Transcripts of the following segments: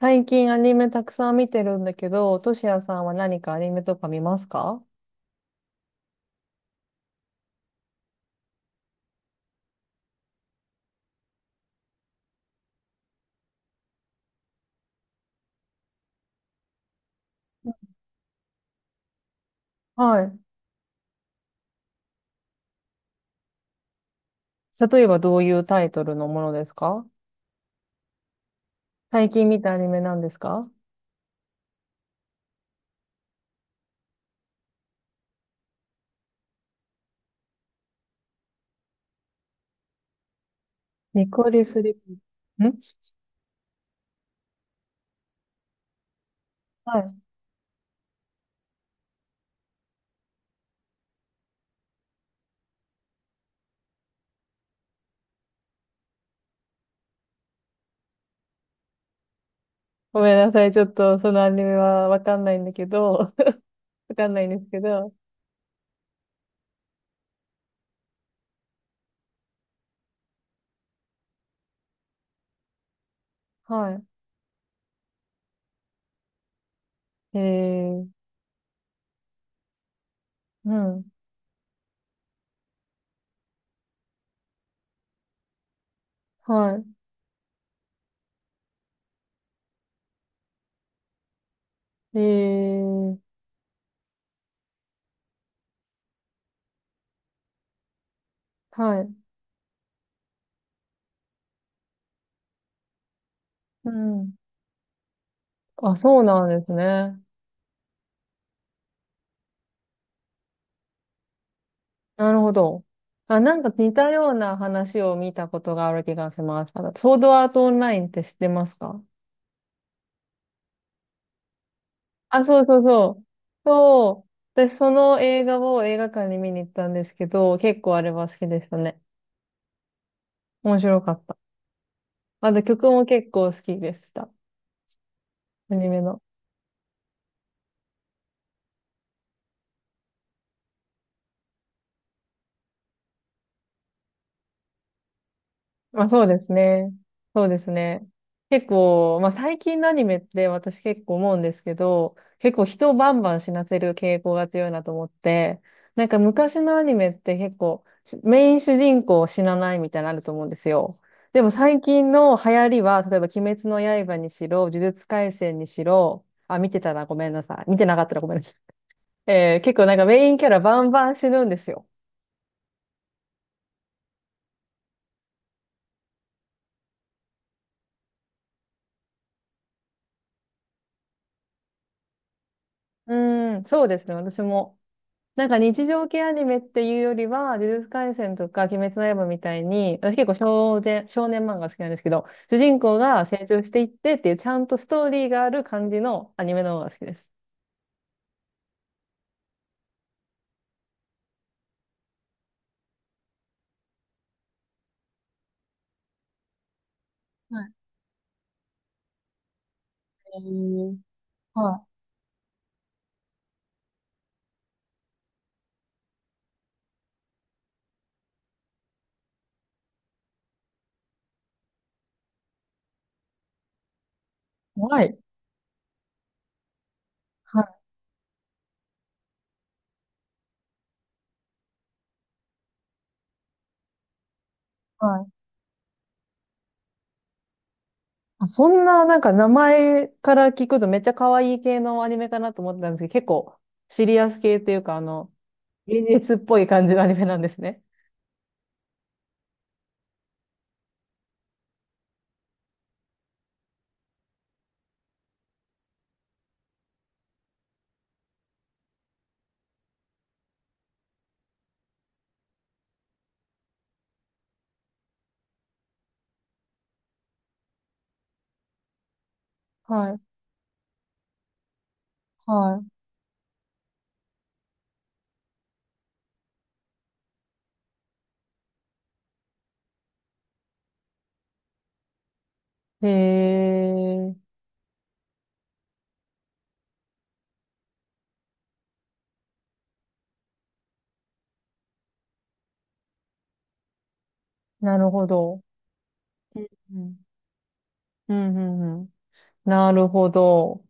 最近アニメたくさん見てるんだけど、トシヤさんは何かアニメとか見ますか？はい。例えばどういうタイトルのものですか？最近見たアニメなんですか？ニコリスリん。はい。ごめんなさい。ちょっとそのアニメはわかんないんだけど、わかんないんですけど。はい。えー、うん。はい。えー、はい。うん。あ、そうなんですね。なるほど。あ、なんか似たような話を見たことがある気がします。あのソードアートオンラインって知ってますか？あ、そうそうそう。そう。で、その映画を映画館に見に行ったんですけど、結構あれは好きでしたね。面白かった。あと曲も結構好きでした。アニメの。まあそうですね。そうですね。結構、まあ最近のアニメって私結構思うんですけど、結構人をバンバン死なせる傾向が強いなと思って、なんか昔のアニメって結構メイン主人公死なないみたいなのあると思うんですよ。でも最近の流行りは、例えば鬼滅の刃にしろ、呪術廻戦にしろ、あ、見てたらごめんなさい。見てなかったらごめんなさい。結構なんかメインキャラバンバン死ぬんですよ。うーん、そうですね。私も。なんか日常系アニメっていうよりは、呪術廻戦とか鬼滅の刃みたいに、私結構少年、少年漫画好きなんですけど、主人公が成長していってっていうちゃんとストーリーがある感じのアニメの方が好きです。はい。えー、はい。はい。はい。はい。あ、そんななんか名前から聞くとめっちゃ可愛い系のアニメかなと思ってたんですけど、結構シリアス系っていうか、あの、現実っぽい感じのアニメなんですね。はい。はい。へえ、なるほど。うんうんうんうん。なるほど。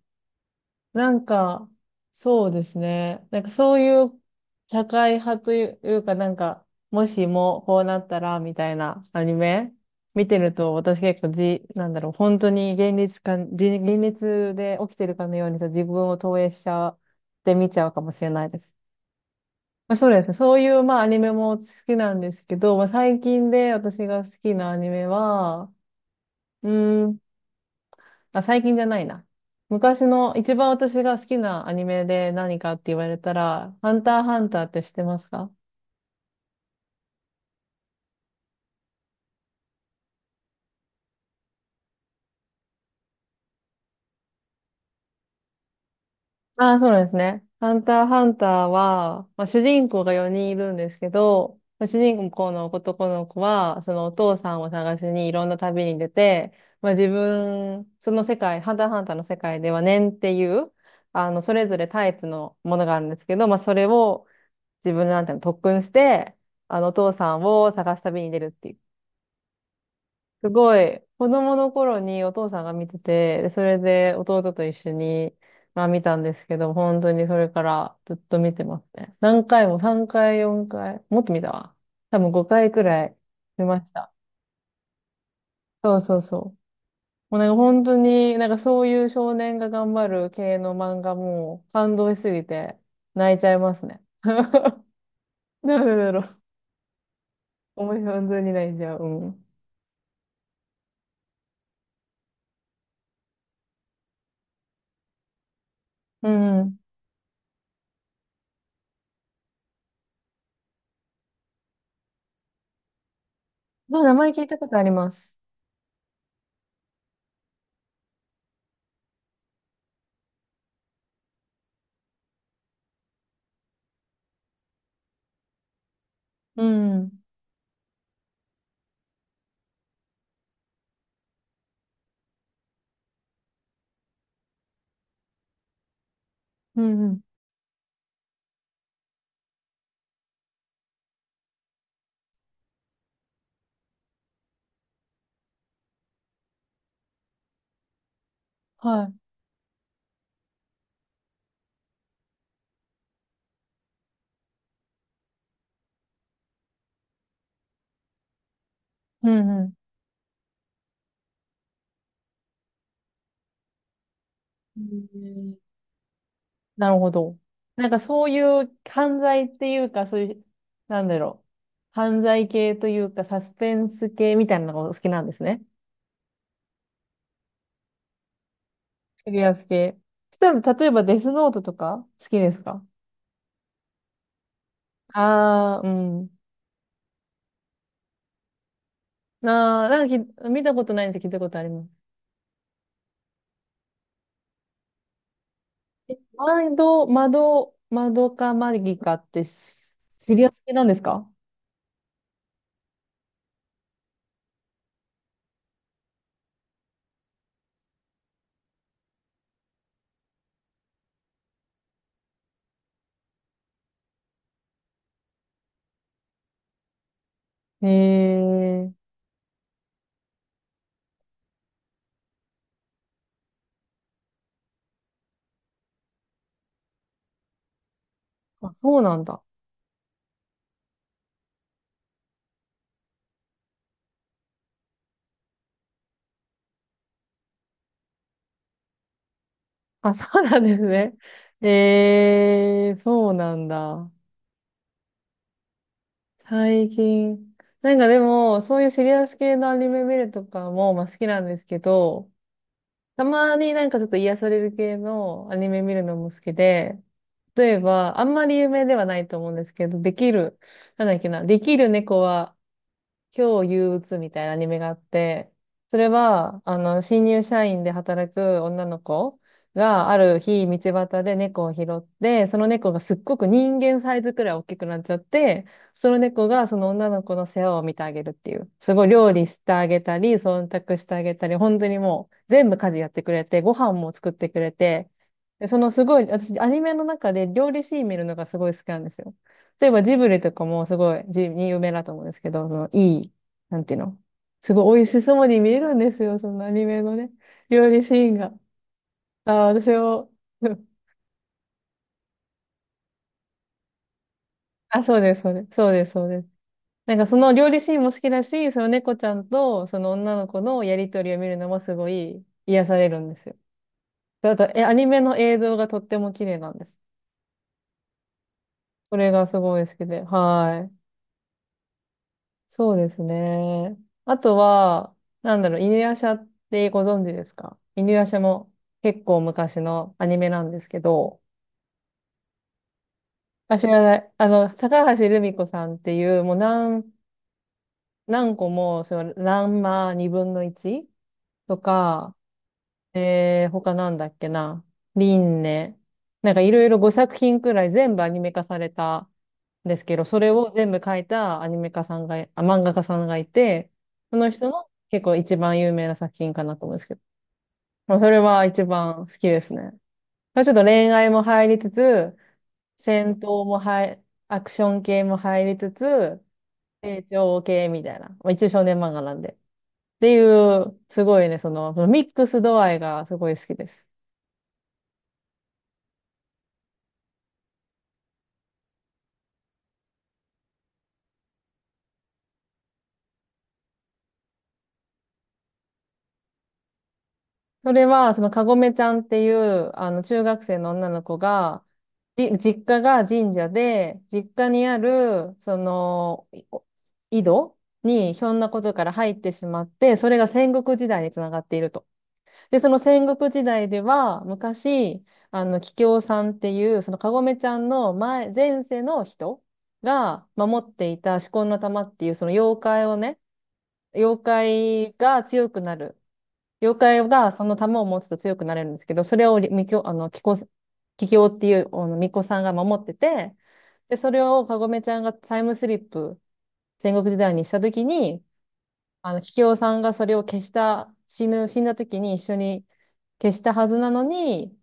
なんか、そうですね。なんかそういう社会派というか、なんか、もしもこうなったら、みたいなアニメ見てると、私結構なんだろう、本当に現実か、現実で起きてるかのようにさ、自分を投影しちゃって見ちゃうかもしれないです。まあ、そうですね。そういう、まあ、アニメも好きなんですけど、まあ、最近で私が好きなアニメは、うーん。あ、最近じゃないな。昔の一番私が好きなアニメで何かって言われたら、ハンターハンターって知ってますか？ああ、そうなんですね。ハンターハンターは、まあ、主人公が4人いるんですけど、まあ主人公の男の子は、そのお父さんを探しにいろんな旅に出て、まあ、自分、その世界、ハンターハンターの世界では念っていう、あの、それぞれタイプのものがあるんですけど、まあ、それを自分なんていうの特訓して、あの、お父さんを探す旅に出るっていうすごい、子供の頃にお父さんが見てて、でそれで弟と一緒に、まあ見たんですけど、本当にそれからずっと見てますね。何回も、3回、4回、もっと見たわ。多分5回くらい見ました。そうそうそう。もうなんか本当に、なんかそういう少年が頑張る系の漫画も感動しすぎて泣いちゃいますね。なんでだろう。本当に泣いちゃう。うん。うんうん。そう、名前聞いたことあります。うん。うんうん。はい。うんうん。うん、なるほど。なんかそういう犯罪っていうか、そういう、なんだろう。犯罪系というか、サスペンス系みたいなのがお好きなんですね。シリアス系。そしたら、例えばデスノートとか好きですか？ああー、うん。ああ、なんか見たことないんですけど、聞いたことあります。え、窓かマギかってシリアス系なんですか？へえ。あ、そうなんだ。あ、そうなんですね。ええーそうなんだ。最近。なんかでも、そういうシリアス系のアニメ見るとかも、まあ、好きなんですけど、たまになんかちょっと癒される系のアニメ見るのも好きで、例えば、あんまり有名ではないと思うんですけど、できる、なんだっけな、できる猫は今日憂鬱みたいなアニメがあって、それは、あの、新入社員で働く女の子がある日、道端で猫を拾って、その猫がすっごく人間サイズくらい大きくなっちゃって、その猫がその女の子の世話を見てあげるっていう。すごい料理してあげたり、忖度してあげたり、本当にもう全部家事やってくれて、ご飯も作ってくれて、でそのすごい、私アニメの中で料理シーン見るのがすごい好きなんですよ。例えばジブリとかもすごい有名だと思うんですけど、そのいい、なんていうの、すごい美味しそうに見えるんですよ、そのアニメのね、料理シーンが。ああ、私を、うん。あ、そうです、そうです、そうです、そうです。なんかその料理シーンも好きだし、その猫ちゃんとその女の子のやりとりを見るのもすごい癒されるんですよ。であと、アニメの映像がとっても綺麗なんです。それがすごい好きで、はい。そうですね。あとは、なんだろう、犬夜叉ってご存知ですか？犬夜叉も結構昔のアニメなんですけど、あ、知らない。あの、高橋留美子さんっていう、もう何個も、その、ランマ2分の1とか、他なんだっけな。リンネ。なんかいろいろ5作品くらい全部アニメ化されたんですけど、それを全部書いたアニメ化さんが、あ、漫画家さんがいて、その人の結構一番有名な作品かなと思うんですけど。まあ、それは一番好きですね。ちょっと恋愛も入りつつ、戦闘も、アクション系も入りつつ、成長系みたいな。まあ、一応少年漫画なんで。っていう、すごいね、その、ミックス度合いがすごい好きです。それは、そのかごめちゃんっていう、あの、中学生の女の子が、実家が神社で、実家にある、その、井戸にひょんなことから入ってしまって、それが戦国時代につながっていると。で、その戦国時代では、昔、あの、桔梗さんっていう、そのかごめちゃんの前世の人が守っていた四魂の玉っていう、その妖怪をね、妖怪が強くなる。妖怪がその玉を持つと強くなれるんですけど、それをりみきょ、あの、きこ、ききおっていう、あの、巫女さんが守ってて、で、それをかごめちゃんがタイムスリップ、戦国時代にしたときに、あの、ききおさんがそれを消した、死んだときに一緒に消したはずなのに、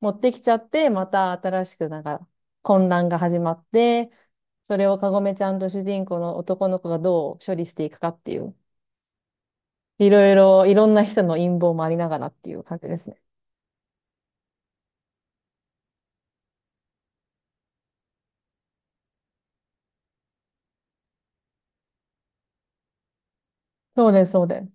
持ってきちゃって、また新しくなんか混乱が始まって、それをかごめちゃんと主人公の男の子がどう処理していくかっていう、いろんな人の陰謀もありながらっていう感じですね。そうです、そうです